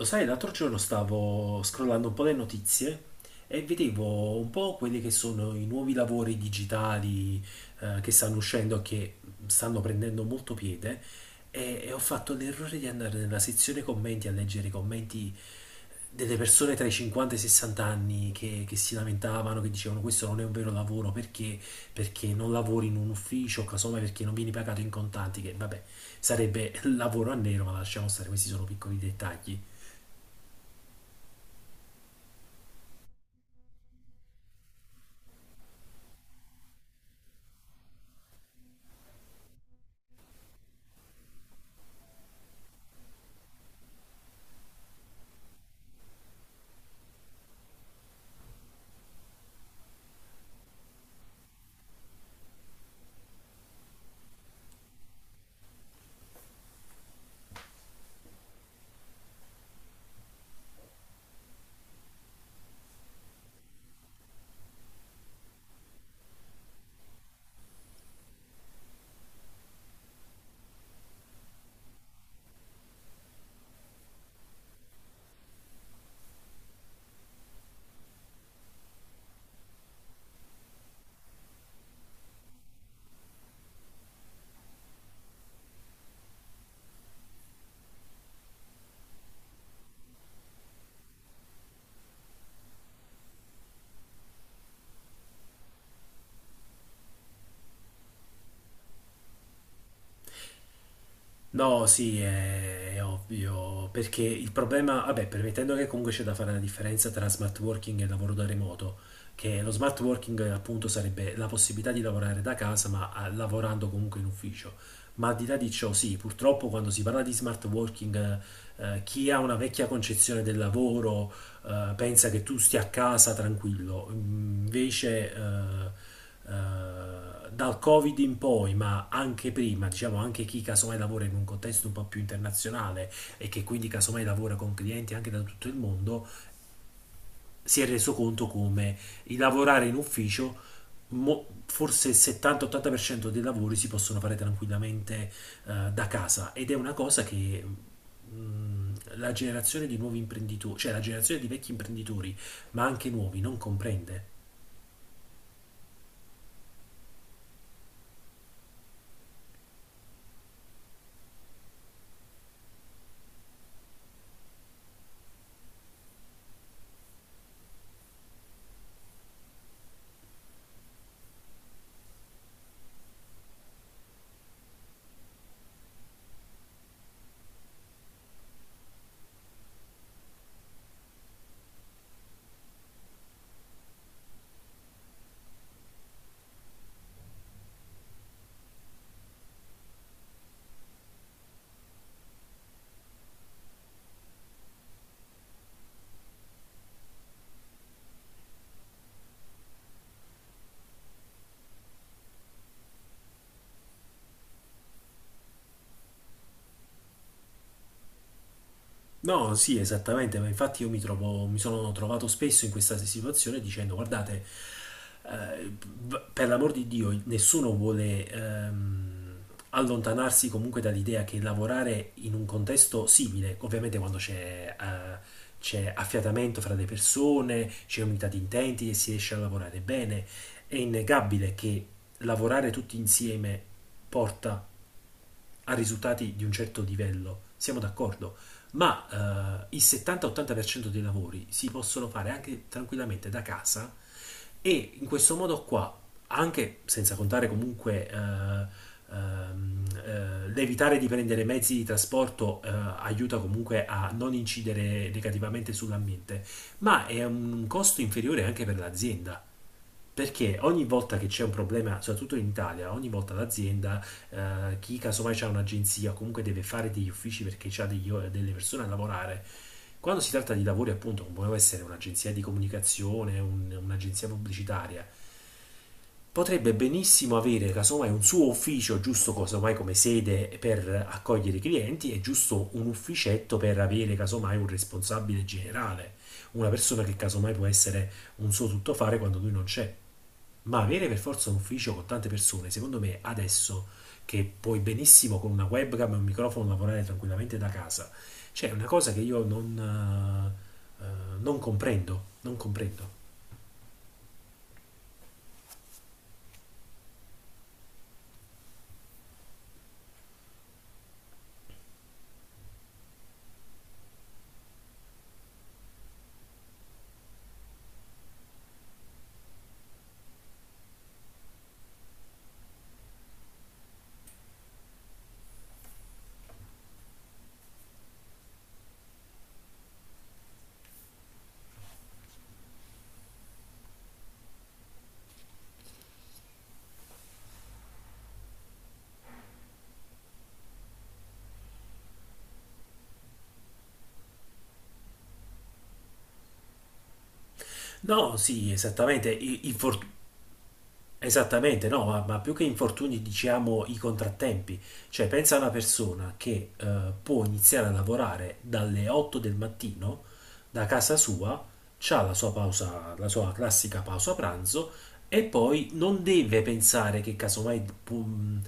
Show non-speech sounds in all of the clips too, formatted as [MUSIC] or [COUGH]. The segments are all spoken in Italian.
Lo sai, l'altro giorno stavo scrollando un po' le notizie e vedevo un po' quelli che sono i nuovi lavori digitali che stanno uscendo, che stanno prendendo molto piede, e ho fatto l'errore di andare nella sezione commenti a leggere i commenti delle persone tra i 50 e i 60 anni che si lamentavano, che dicevano questo non è un vero lavoro perché non lavori in un ufficio, casomai perché non vieni pagato in contanti, che vabbè sarebbe [LAUGHS] lavoro a nero, ma lasciamo stare, questi sono piccoli dettagli. No, sì, è ovvio, perché il problema, vabbè, permettendo che comunque c'è da fare la differenza tra smart working e lavoro da remoto, che lo smart working appunto sarebbe la possibilità di lavorare da casa, ma lavorando comunque in ufficio. Ma al di là di ciò, sì, purtroppo quando si parla di smart working, chi ha una vecchia concezione del lavoro pensa che tu stia a casa tranquillo. Invece, dal Covid in poi, ma anche prima, diciamo anche chi casomai lavora in un contesto un po' più internazionale e che quindi casomai lavora con clienti anche da tutto il mondo, si è reso conto come il lavorare in ufficio. Forse il 70-80% dei lavori si possono fare tranquillamente da casa ed è una cosa che la generazione di nuovi imprenditori, cioè la generazione di vecchi imprenditori, ma anche nuovi, non comprende. No, sì, esattamente, ma infatti io mi trovo, mi sono trovato spesso in questa situazione dicendo, guardate, eh, per l'amor di Dio, nessuno vuole allontanarsi comunque dall'idea che lavorare in un contesto simile, ovviamente quando c'è, c'è affiatamento fra le persone, c'è unità di intenti e si riesce a lavorare bene, è innegabile che lavorare tutti insieme porta a risultati di un certo livello, siamo d'accordo, ma il 70-80% dei lavori si possono fare anche tranquillamente da casa e in questo modo qua, anche senza contare comunque l'evitare di prendere mezzi di trasporto aiuta comunque a non incidere negativamente sull'ambiente, ma è un costo inferiore anche per l'azienda perché ogni volta che c'è un problema, soprattutto in Italia, ogni volta l'azienda, chi casomai ha un'agenzia, comunque deve fare degli uffici perché ha degli delle persone a lavorare, quando si tratta di lavori appunto, come può essere un'agenzia di comunicazione, un'agenzia pubblicitaria, potrebbe benissimo avere casomai un suo ufficio, giusto casomai come sede per accogliere i clienti e giusto un ufficetto per avere casomai un responsabile generale, una persona che casomai può essere un suo tuttofare quando lui non c'è. Ma avere per forza un ufficio con tante persone, secondo me adesso che puoi benissimo con una webcam e un microfono lavorare tranquillamente da casa, cioè è una cosa che io eh, eh, non comprendo, non comprendo. No, sì, esattamente. Esattamente, no, ma più che infortuni diciamo i contrattempi, cioè pensa a una persona che può iniziare a lavorare dalle 8 del mattino da casa sua, ha la sua pausa, la sua classica pausa pranzo e poi non deve pensare che casomai pum,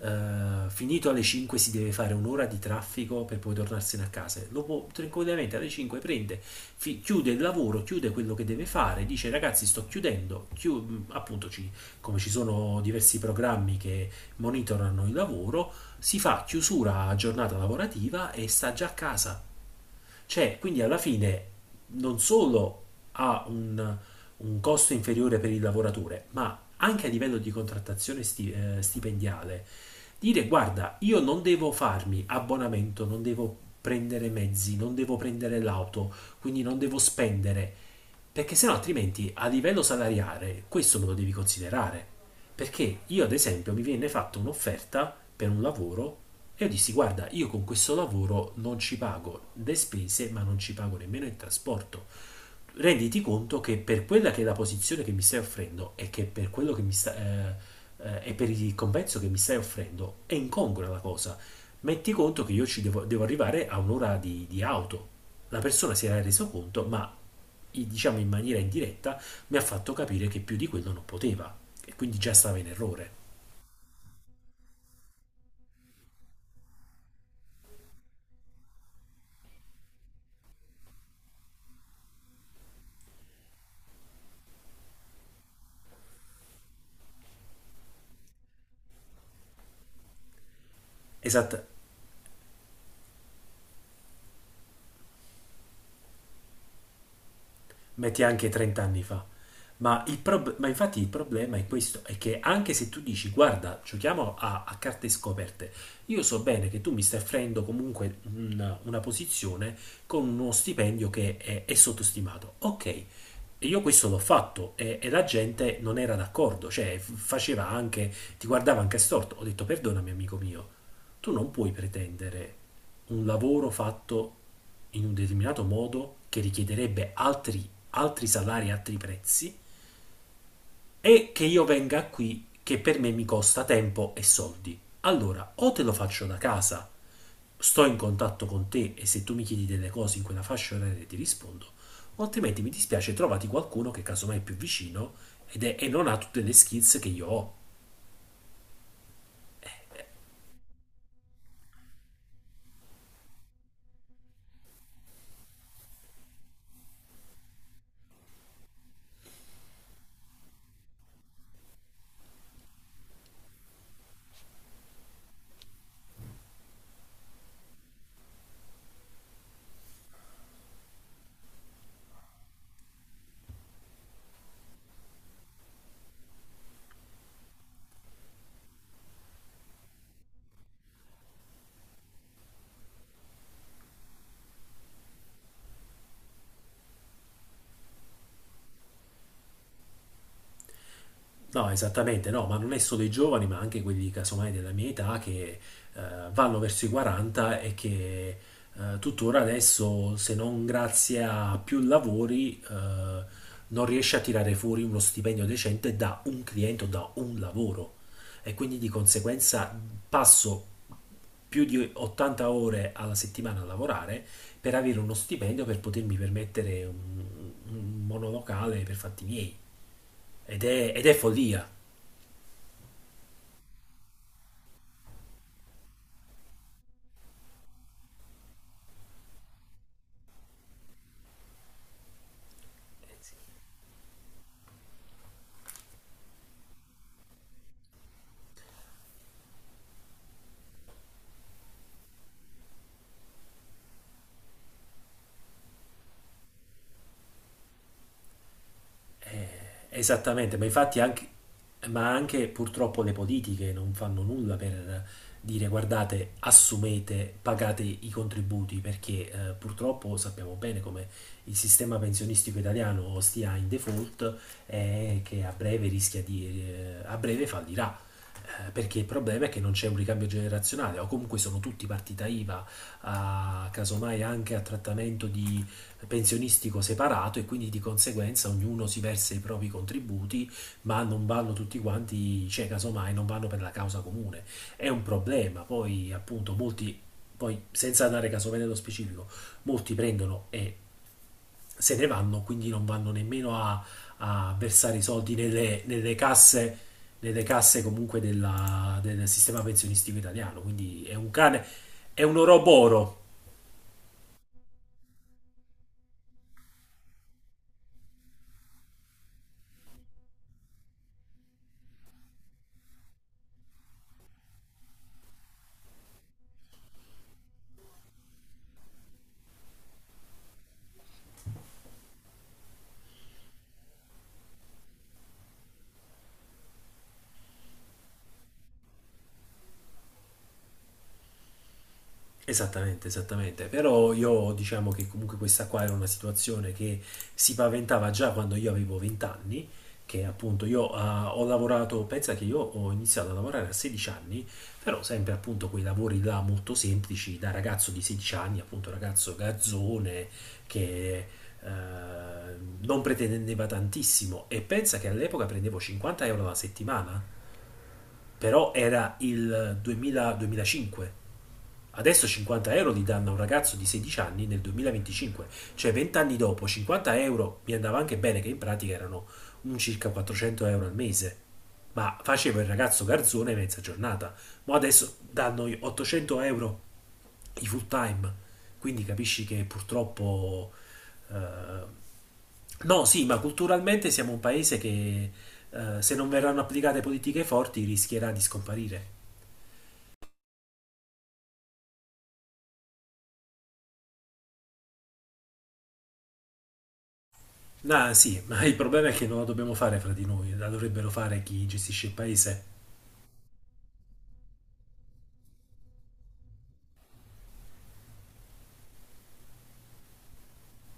finito alle 5 si deve fare un'ora di traffico per poi tornarsene a casa. Lo può tranquillamente alle 5 chiude il lavoro, chiude quello che deve fare, dice ragazzi sto chiudendo, appunto ci come ci sono diversi programmi che monitorano il lavoro, si fa chiusura a giornata lavorativa e sta già a casa. Cioè, quindi alla fine non solo ha un costo inferiore per il lavoratore, ma anche a livello di contrattazione stipendiale dire guarda, io non devo farmi abbonamento, non devo prendere mezzi, non devo prendere l'auto, quindi non devo spendere, perché sennò altrimenti a livello salariale questo me lo devi considerare. Perché io ad esempio mi viene fatta un'offerta per un lavoro e io dissi guarda, io con questo lavoro non ci pago le spese, ma non ci pago nemmeno il trasporto renditi conto che per quella che è la posizione che mi stai offrendo e che per quello che mi sta, e per il compenso che mi stai offrendo è incongrua la cosa. Metti conto che io ci devo arrivare a un'ora di auto. La persona si era reso conto, ma diciamo in maniera indiretta mi ha fatto capire che più di quello non poteva e quindi già stava in errore. Esatto, metti anche 30 anni fa. Ma infatti il problema è questo, è che anche se tu dici guarda, giochiamo a carte scoperte, io so bene che tu mi stai offrendo comunque una posizione con uno stipendio che è sottostimato. Ok, e io questo l'ho fatto e la gente non era d'accordo, cioè faceva anche, ti guardava anche storto. Ho detto perdonami amico mio, tu non puoi pretendere un lavoro fatto in un determinato modo che richiederebbe altri salari, e altri prezzi e che io venga qui che per me mi costa tempo e soldi. Allora, o te lo faccio da casa, sto in contatto con te e se tu mi chiedi delle cose in quella fascia oraria ti rispondo, o altrimenti mi dispiace trovati qualcuno che casomai è più vicino e non ha tutte le skills che io ho. No, esattamente, no, ma non è solo i giovani, ma anche quelli casomai della mia età che eh, vanno verso i 40 e che tuttora adesso, se non grazie a più lavori, non riesce a tirare fuori uno stipendio decente da un cliente o da un lavoro. E quindi di conseguenza passo più di 80 ore alla settimana a lavorare per avere uno stipendio per potermi permettere un monolocale per fatti miei. Ed è follia. Eh sì. Esattamente, ma infatti anche, ma anche purtroppo le politiche non fanno nulla per dire guardate, assumete, pagate i contributi, perché purtroppo sappiamo bene come il sistema pensionistico italiano stia in default e che a breve rischia di, a breve fallirà. Perché il problema è che non c'è un ricambio generazionale, o comunque sono tutti partita IVA, casomai anche a trattamento di pensionistico separato e quindi di conseguenza ognuno si versa i propri contributi, ma non vanno tutti quanti, cioè casomai non vanno per la causa comune. È un problema, poi appunto molti, poi senza andare casomai nello specifico, molti prendono e se ne vanno, quindi non vanno nemmeno a versare i soldi nelle, nelle casse comunque del sistema pensionistico italiano, quindi è un cane, è un oroboro. Esattamente, esattamente. Però io diciamo che comunque questa qua era una situazione che si paventava già quando io avevo 20 anni, che appunto io ho lavorato, pensa che io ho iniziato a lavorare a 16 anni, però sempre appunto quei lavori là molto semplici, da ragazzo di 16 anni, appunto ragazzo garzone che eh, non pretendeva tantissimo e pensa che all'epoca prendevo 50 euro alla settimana, però era il 2000-2005. Adesso 50 euro li danno a un ragazzo di 16 anni nel 2025, cioè 20 anni dopo 50 euro mi andava anche bene che in pratica erano un circa 400 euro al mese, ma facevo il ragazzo garzone mezza giornata, ma adesso danno i 800 euro i full time, quindi capisci che purtroppo... eh, no, sì, ma culturalmente siamo un paese che se non verranno applicate politiche forti rischierà di scomparire. Ah, sì, ma il problema è che non la dobbiamo fare fra di noi, la dovrebbero fare chi gestisce il paese.